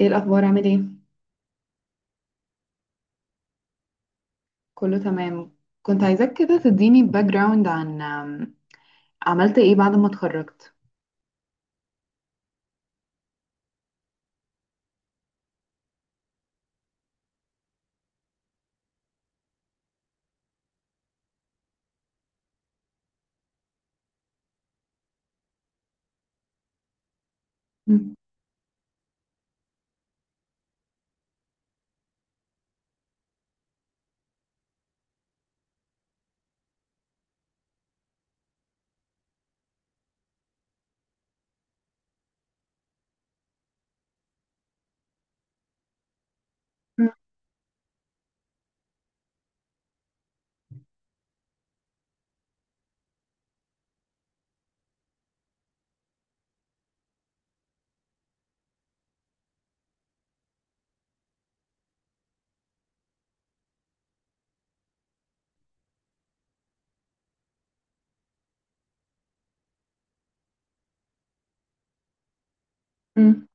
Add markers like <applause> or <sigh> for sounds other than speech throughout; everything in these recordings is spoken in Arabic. ايه الاخبار؟ عامل ايه؟ كله تمام. كنت عايزاك كده تديني باك جراوند عن عملت ايه بعد ما اتخرجت. مم. مم. مم.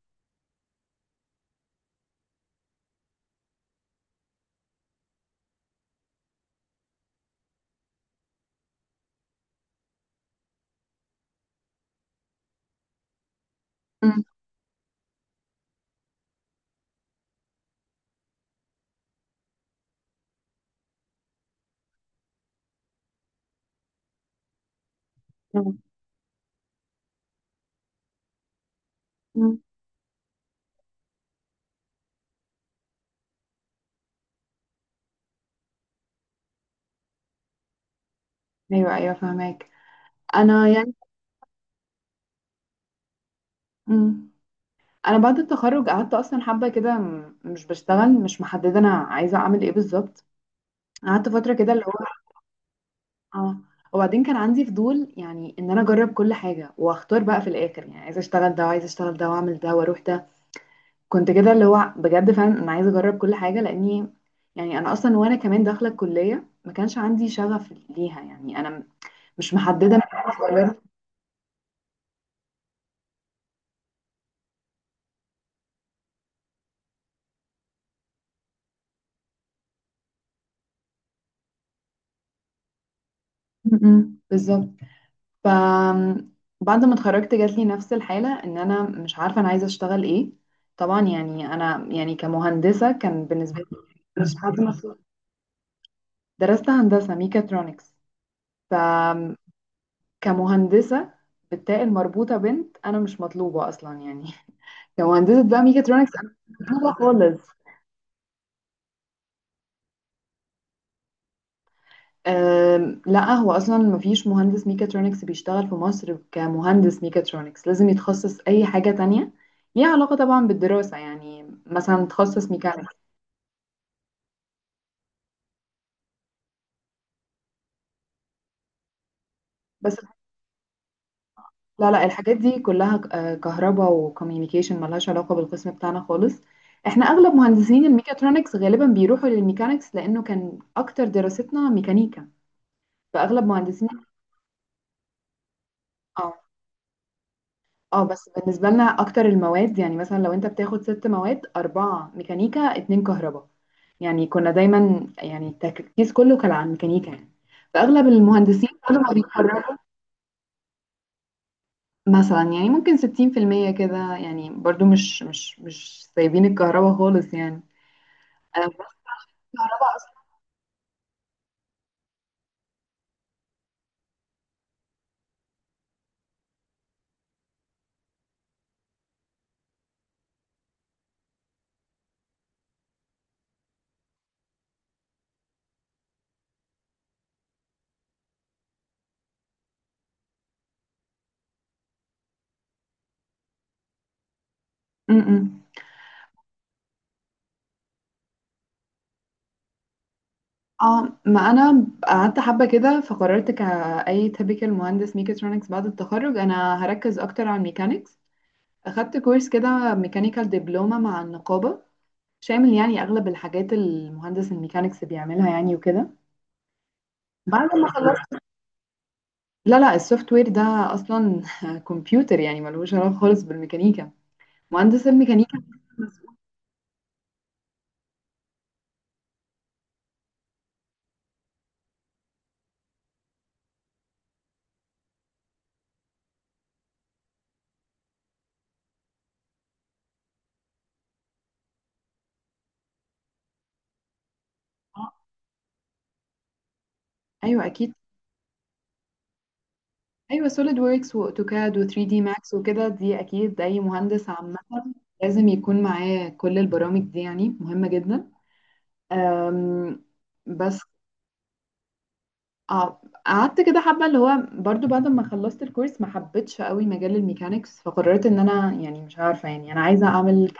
مم. مم. ايوه، ايوه، فهماك. انا يعني، مم. انا بعد التخرج قعدت اصلا حبه كده، مش بشتغل، مش محدده انا عايزه اعمل ايه بالظبط. قعدت فتره كده اللي هو، اه. وبعدين كان عندي فضول يعني ان انا اجرب كل حاجه واختار بقى في الاخر، يعني عايزه اشتغل ده وعايزه اشتغل ده واعمل ده واروح ده. كنت كده اللي هو بجد فعلا انا عايزه اجرب كل حاجه لاني، يعني انا اصلا وانا كمان داخله الكليه ما كانش عندي شغف ليها يعني انا مش محدده من وأنا صغيره. م- م، بالظبط. ف، بعد ما اتخرجت جات لي نفس الحاله ان انا مش عارفه انا عايزه اشتغل ايه. طبعا يعني انا يعني كمهندسه كان بالنسبه لي مش حد مفهوم. درست هندسه ميكاترونكس. ف، كمهندسه بالتاء المربوطه بنت انا مش مطلوبه اصلا يعني. كمهندسة بقى ميكاترونكس أنا مش فاهمة خالص. لا، هو أصلا مفيش مهندس ميكاترونكس بيشتغل في مصر. كمهندس ميكاترونكس لازم يتخصص أي حاجة تانية ليها علاقة طبعا بالدراسة، يعني مثلا تخصص ميكانيكا. بس لا لا، الحاجات دي كلها كهرباء وكوميونيكيشن، ملهاش علاقة بالقسم بتاعنا خالص. احنا أغلب مهندسين الميكاترونكس غالبا بيروحوا للميكانيكس، لأنه كان أكتر دراستنا ميكانيكا. فأغلب مهندسين، اه. اه بس بالنسبة لنا أكتر المواد، يعني مثلا لو أنت بتاخد 6 مواد، 4 ميكانيكا 2 كهرباء. يعني كنا دايما يعني التركيز كله كان على الميكانيكا يعني. فأغلب المهندسين كانوا <laughs> ما بيتخرجوا مثلا، يعني ممكن 60% كده يعني، برضو مش سايبين الكهرباء خالص يعني. أنا مش كهرباء أصلا. م. اه، ما أنا قعدت حبة كده فقررت كأي تبكال مهندس ميكاترونكس بعد التخرج أنا هركز أكتر على الميكانيكس. أخدت كورس كده ميكانيكال دبلومة مع النقابة، شامل يعني أغلب الحاجات المهندس الميكانيكس بيعملها يعني وكده. بعد ما خلصت، لا لا، السوفت وير ده أصلا <laughs> كمبيوتر يعني، ملوش علاقة خالص بالميكانيكا. مهندس الميكانيكا مسؤول. آه، أيوه أكيد. أيوه، سوليد ووركس وأوتوكاد و3 دي ماكس وكده، دي أكيد أي مهندس عامة لازم يكون معاه كل البرامج دي، يعني مهمة جدا. أم، بس، اه قعدت كده حبة اللي هو برضو بعد ما خلصت الكورس ما حبيتش قوي مجال الميكانيكس، فقررت ان انا يعني مش عارفة يعني انا عايزة اعمل.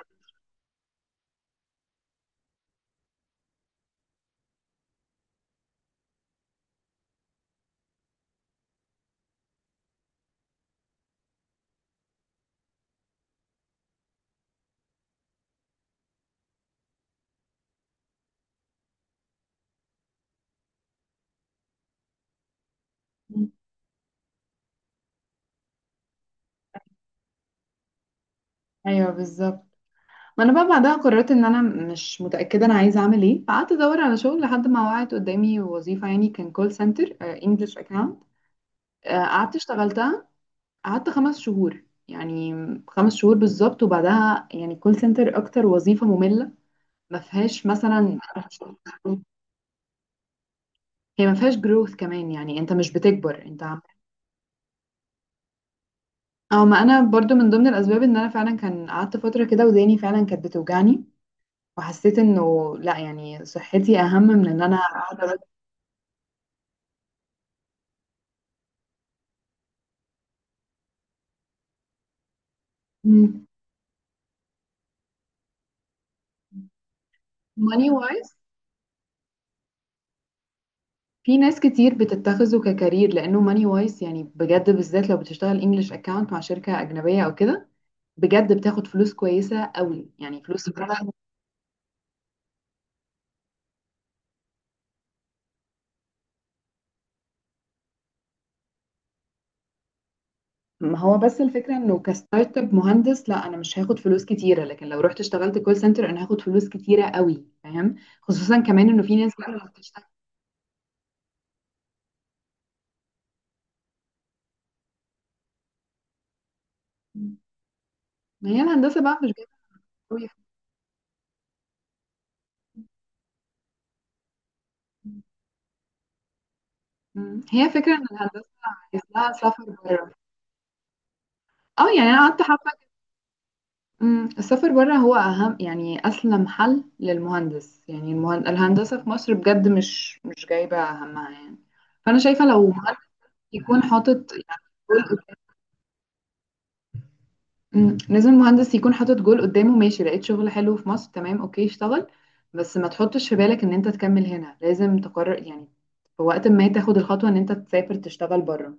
ايوه بالظبط. ما انا بقى بعدها قررت ان انا مش متأكدة انا عايزة اعمل ايه، فقعدت ادور على شغل لحد ما وقعت قدامي وظيفة يعني، كان كول سنتر انجلش اكاونت. قعدت اشتغلتها. قعدت 5 شهور يعني، 5 شهور بالظبط. وبعدها يعني كول سنتر اكتر وظيفة مملة، ما فيهاش مثلا، هي ما فيهاش جروث كمان، يعني انت مش بتكبر انت عم. او ما انا برضو من ضمن الاسباب ان انا فعلا كان قعدت فتره كده وداني فعلا كانت بتوجعني، وحسيت انه لا يعني صحتي اهم من ان انا قاعده. ماني وايز، في ناس كتير بتتخذه ككارير لانه ماني وايز، يعني بجد بالذات لو بتشتغل انجلش اكاونت مع شركه اجنبيه او كده، بجد بتاخد فلوس كويسه قوي يعني، فلوس. ما هو بس الفكرة انه كستارت اب مهندس لا انا مش هاخد فلوس كتيرة، لكن لو رحت اشتغلت كول سنتر انا هاخد فلوس كتيرة قوي، فاهم. خصوصا كمان انه في ناس بقى اللي بتشتغل، ما هي الهندسة بقى مش جايبة قوي. مم. هي فكرة ان الهندسة عايز لها سفر بره. اه يعني انا قعدت حبة، مم. السفر بره هو اهم يعني اسلم حل للمهندس يعني، المهن… الهندسة في مصر بجد مش مش جايبة همها يعني. فانا شايفة لو مهندس يكون حاطط، مم. لازم المهندس يكون حاطط جول قدامه، ماشي لقيت شغل حلو في مصر تمام اوكي اشتغل، بس ما تحطش في بالك ان انت تكمل هنا، لازم تقرر يعني في وقت ما تاخد الخطوة ان انت تسافر تشتغل بره.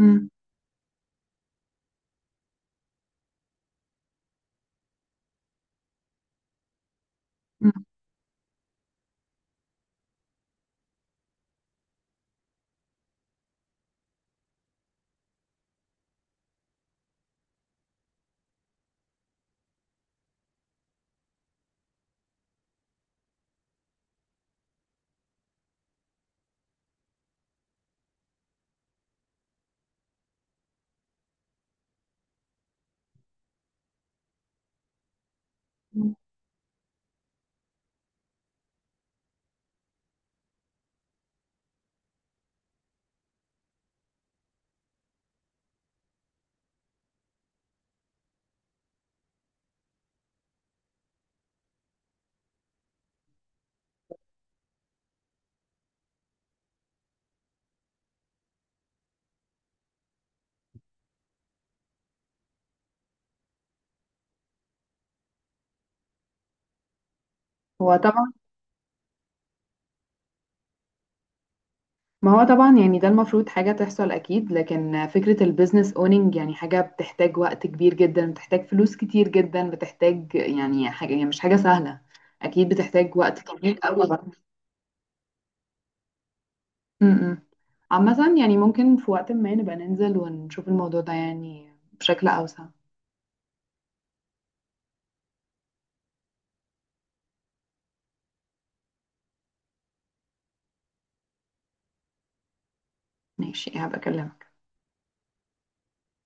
مم. مم. هو طبعا، ما هو طبعا يعني ده المفروض حاجة تحصل أكيد، لكن فكرة البيزنس اونينج يعني حاجة بتحتاج وقت كبير جدا، بتحتاج فلوس كتير جدا، بتحتاج يعني حاجة يعني مش حاجة سهلة. أكيد بتحتاج وقت طويل أوي. امم، عامة يعني ممكن في وقت ما نبقى ننزل ونشوف الموضوع ده يعني بشكل أوسع. ماشي، هبقى أكلمك.